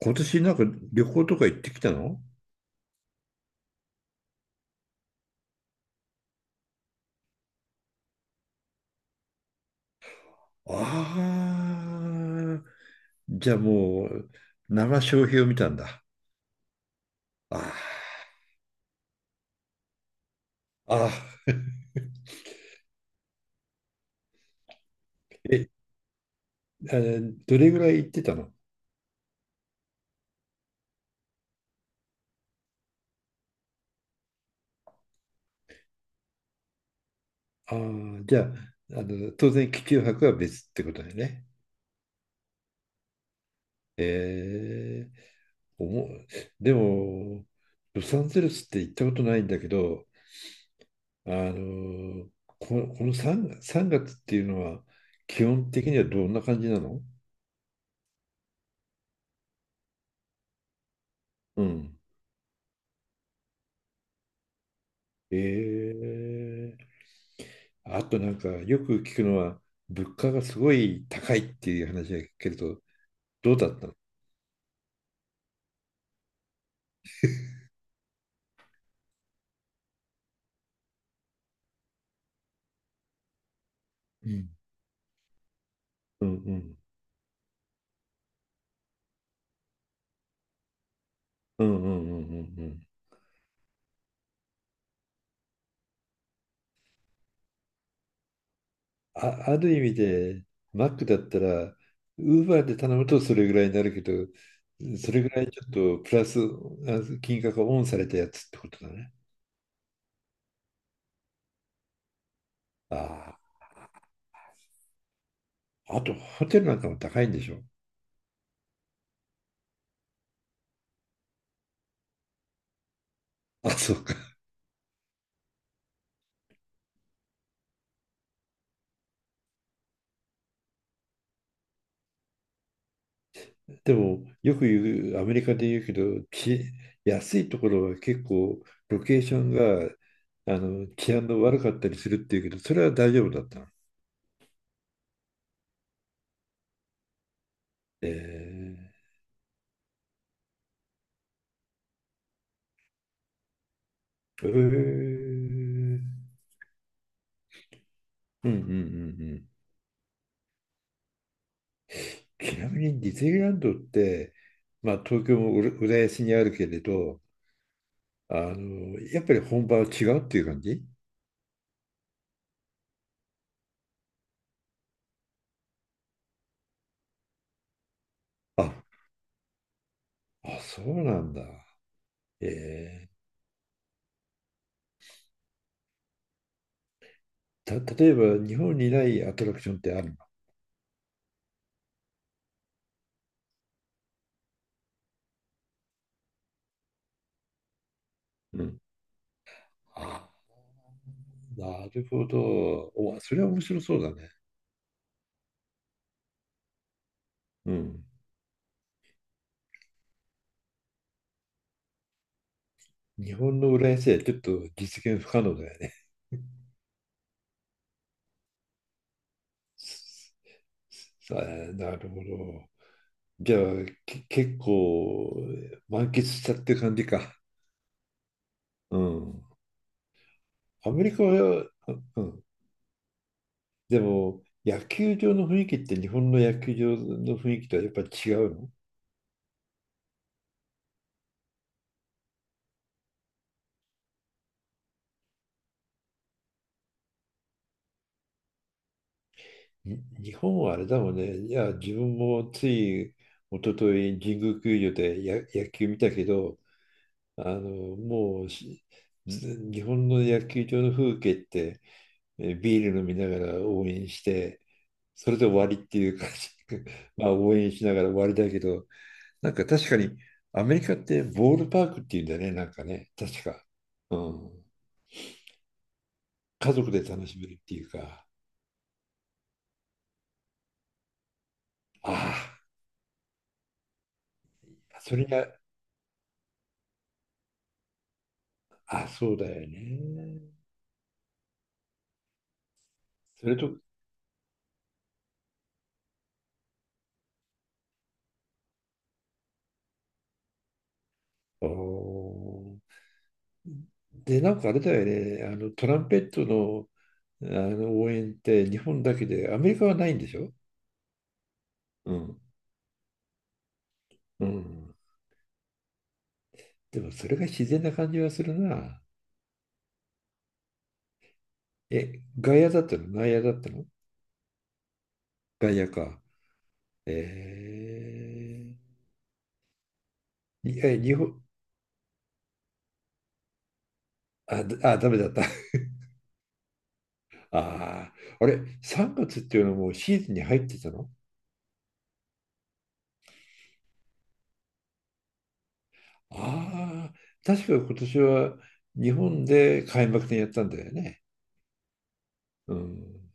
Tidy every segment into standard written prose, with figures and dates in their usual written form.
今年なんか旅行とか行ってきたの？ああ、じゃあもう、生消費を見たんだ。ああ。あーえ、あのどれぐらい行ってたの？ああ、じゃあ、当然、気球博は別ってことだよね。えー、おも、でも、ロサンゼルスって行ったことないんだけど、あの、こ、この 3, 3月っていうのは、基本的にはどんな感じなの？うん。えーあとなんかよく聞くのは、物価がすごい高いっていう話が聞けると、どうだったの？うん。うん。うん。うん。うん。うん。うん。うん。あ、ある意味で、マックだったらウーバーで頼むとそれぐらいになるけど、それぐらいちょっとプラス金額がオンされたやつってことだね。ああ、あとホテルなんかも高いんでしょ？あ、そう。でも、よく言う、アメリカで言うけど、安いところは結構ロケーションが、治安の悪かったりするっていうけど、それは大丈夫だったの？えー、えー、うん。うん。うん。うん。ちなみにディズニーランドって、まあ、東京も浦安にあるけれど、やっぱり本場は違うっていう感じ？あ、あ、そうなんだ。え例えば、日本にないアトラクションってあるの？うん。ああ、なるほど。お、それは面白そうだね。うん。日本の浦安ではちょっと実現不可能だよね。さあ、なるほど。じゃあ、結構満喫したってる感じか。うん。アメリカは、うん。でも、野球場の雰囲気って日本の野球場の雰囲気とはやっぱ違うの？日本はあれだもんね。いや、自分もつい一昨日神宮球場で野球見たけど、あの、もうしず日本の野球場の風景って、ビール飲みながら応援して、それで終わりっていう感じ。まあ応援しながら終わりだけど、なんか確かにアメリカってボールパークっていうんだよね、なんかね、確か。うん。家族で楽しめるっていうか。ああ、それが、あ、そうだよね。それと、あーで、なんかあれだよね、あのトランペットの、あの応援って日本だけで、アメリカはないんでしょ？うん。うん。でもそれが自然な感じはするな。え、外野だったの内野だったの？外野か。えいえ、あ、ダメだった。ああ、あれ、3月っていうのはもうシーズンに入ってたの？ああ、確か今年は日本で開幕戦やったんだよね。うん。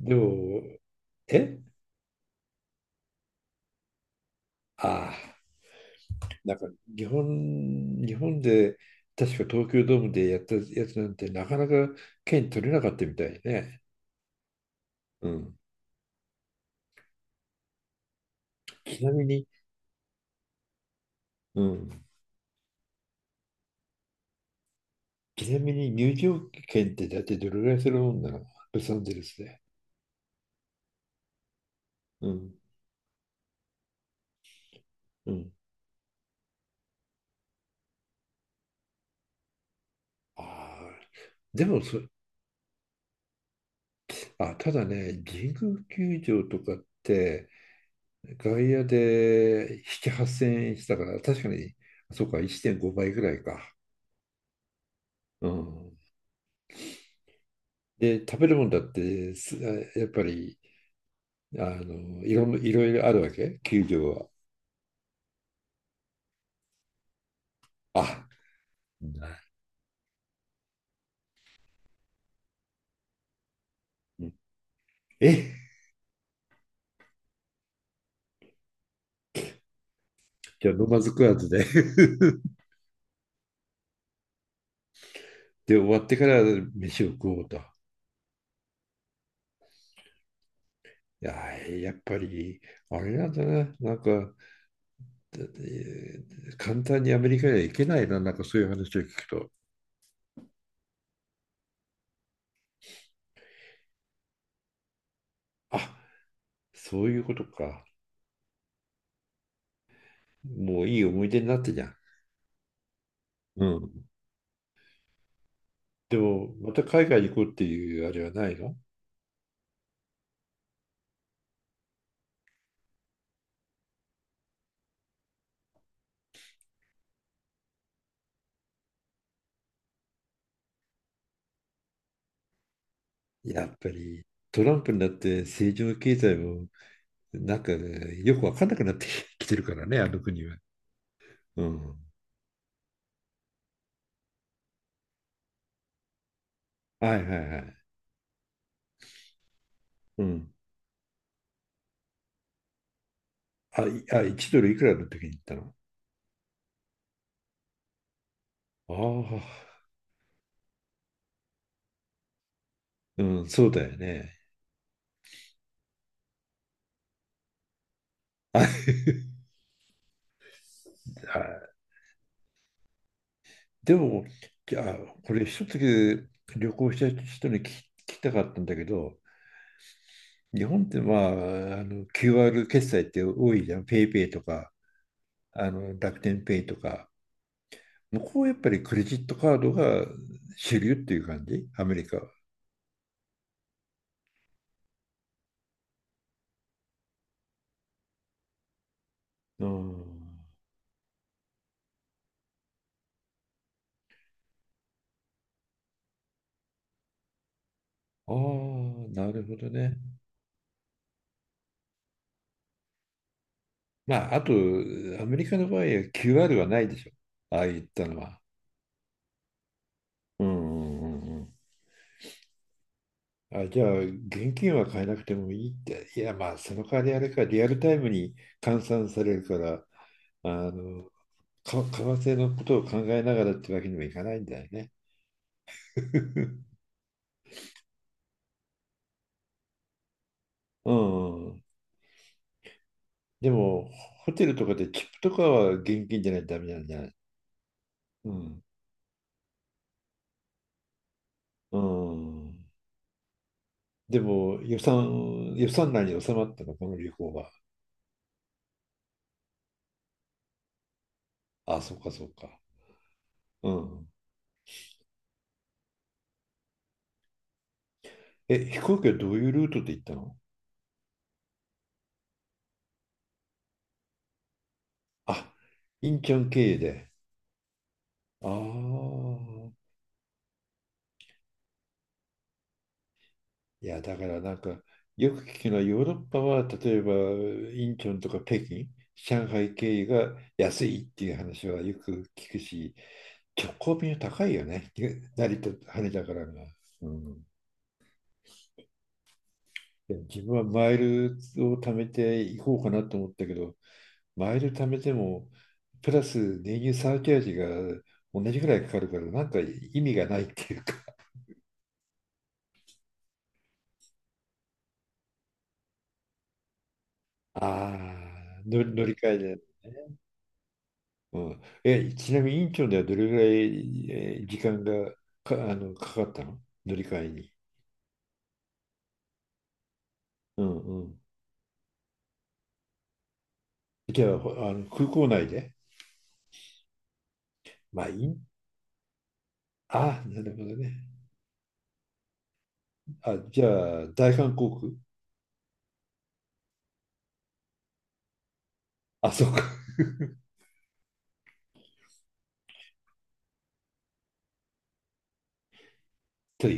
でも、えああ、なんか日本で確か東京ドームでやったやつなんてなかなか券取れなかったみたいね。うん。ちなみに、うん。ちなみに入場券って、だってどれぐらいするもんなの、ロサンゼルスで？うん。うん。ああ、でもそ、あ、ただね、神宮球場とかって外野で7、8000円したから、確かに、そうか、1.5倍ぐらいか。うん。で、食べるもんだってやっぱりいろいろあるわけ、球場は。あ、なえ、じゃあ飲まず食わずで。で、終わってから飯を食おうと。いや、やっぱり、あれなんだな、なんか、だえー簡単にアメリカには行けないな、なんかそういう話を聞くと。あ、そういうことか。もういい思い出になってじゃん。うん。でも、また海外に行こうっていうあれはないの？やっぱりトランプになって政治も経済もなんかねよく分かんなくなってき てるからね、あの国は。うん。はいはいはい。うん。あ、1ドルいくらの時に言ったの？ああ、うん、そうだよね。あ、でも、じゃあ、これ一つだけ旅行した人に聞きたかったんだけど、日本ってまあ、あの QR 決済って多いじゃん。ペイペイとか、あの楽天ペイとか。向こうやっぱりクレジットカードが主流っていう感じ、アメリカは。うん。ああ、なるほどね。まあ、あと、アメリカの場合は QR はないでしょ。ああいったのは。うん。うん。うん。うん。あ、じゃあ、現金は買えなくてもいいって。いや、まあ、その代わりあれか、リアルタイムに換算されるから、あの、為替のことを考えながらってわけにもいかないんだよね。うん。でも、ホテルとかでチップとかは現金じゃないとダメなんじゃない？うん。うん。でも、予算内に収まったの、この旅行は？あ、そうか、そうか。うん。え、飛行機はどういうルートで行ったの？あ、インチョン経由で。ああ。いや、だからなんか、よく聞くのはヨーロッパは、例えば、インチョンとか北京、上海経由が安いっていう話はよく聞くし、結構便高いよね。成田、羽田からが。うん。いや自分はマイルを貯めていこうかなと思ったけど、マイル貯めても、プラス燃油サーチャージが同じぐらいかかるから、なんか意味がないっていうか。ああ、乗り換えで、ね。うん、え、ちなみにインチョンではどれぐらい時間がかかったの、乗り換えに？うんうん。じゃあ、あの空港内で。まあ、ああ、なるほどね。あ、じゃあ、大韓航空。あ、そうか。という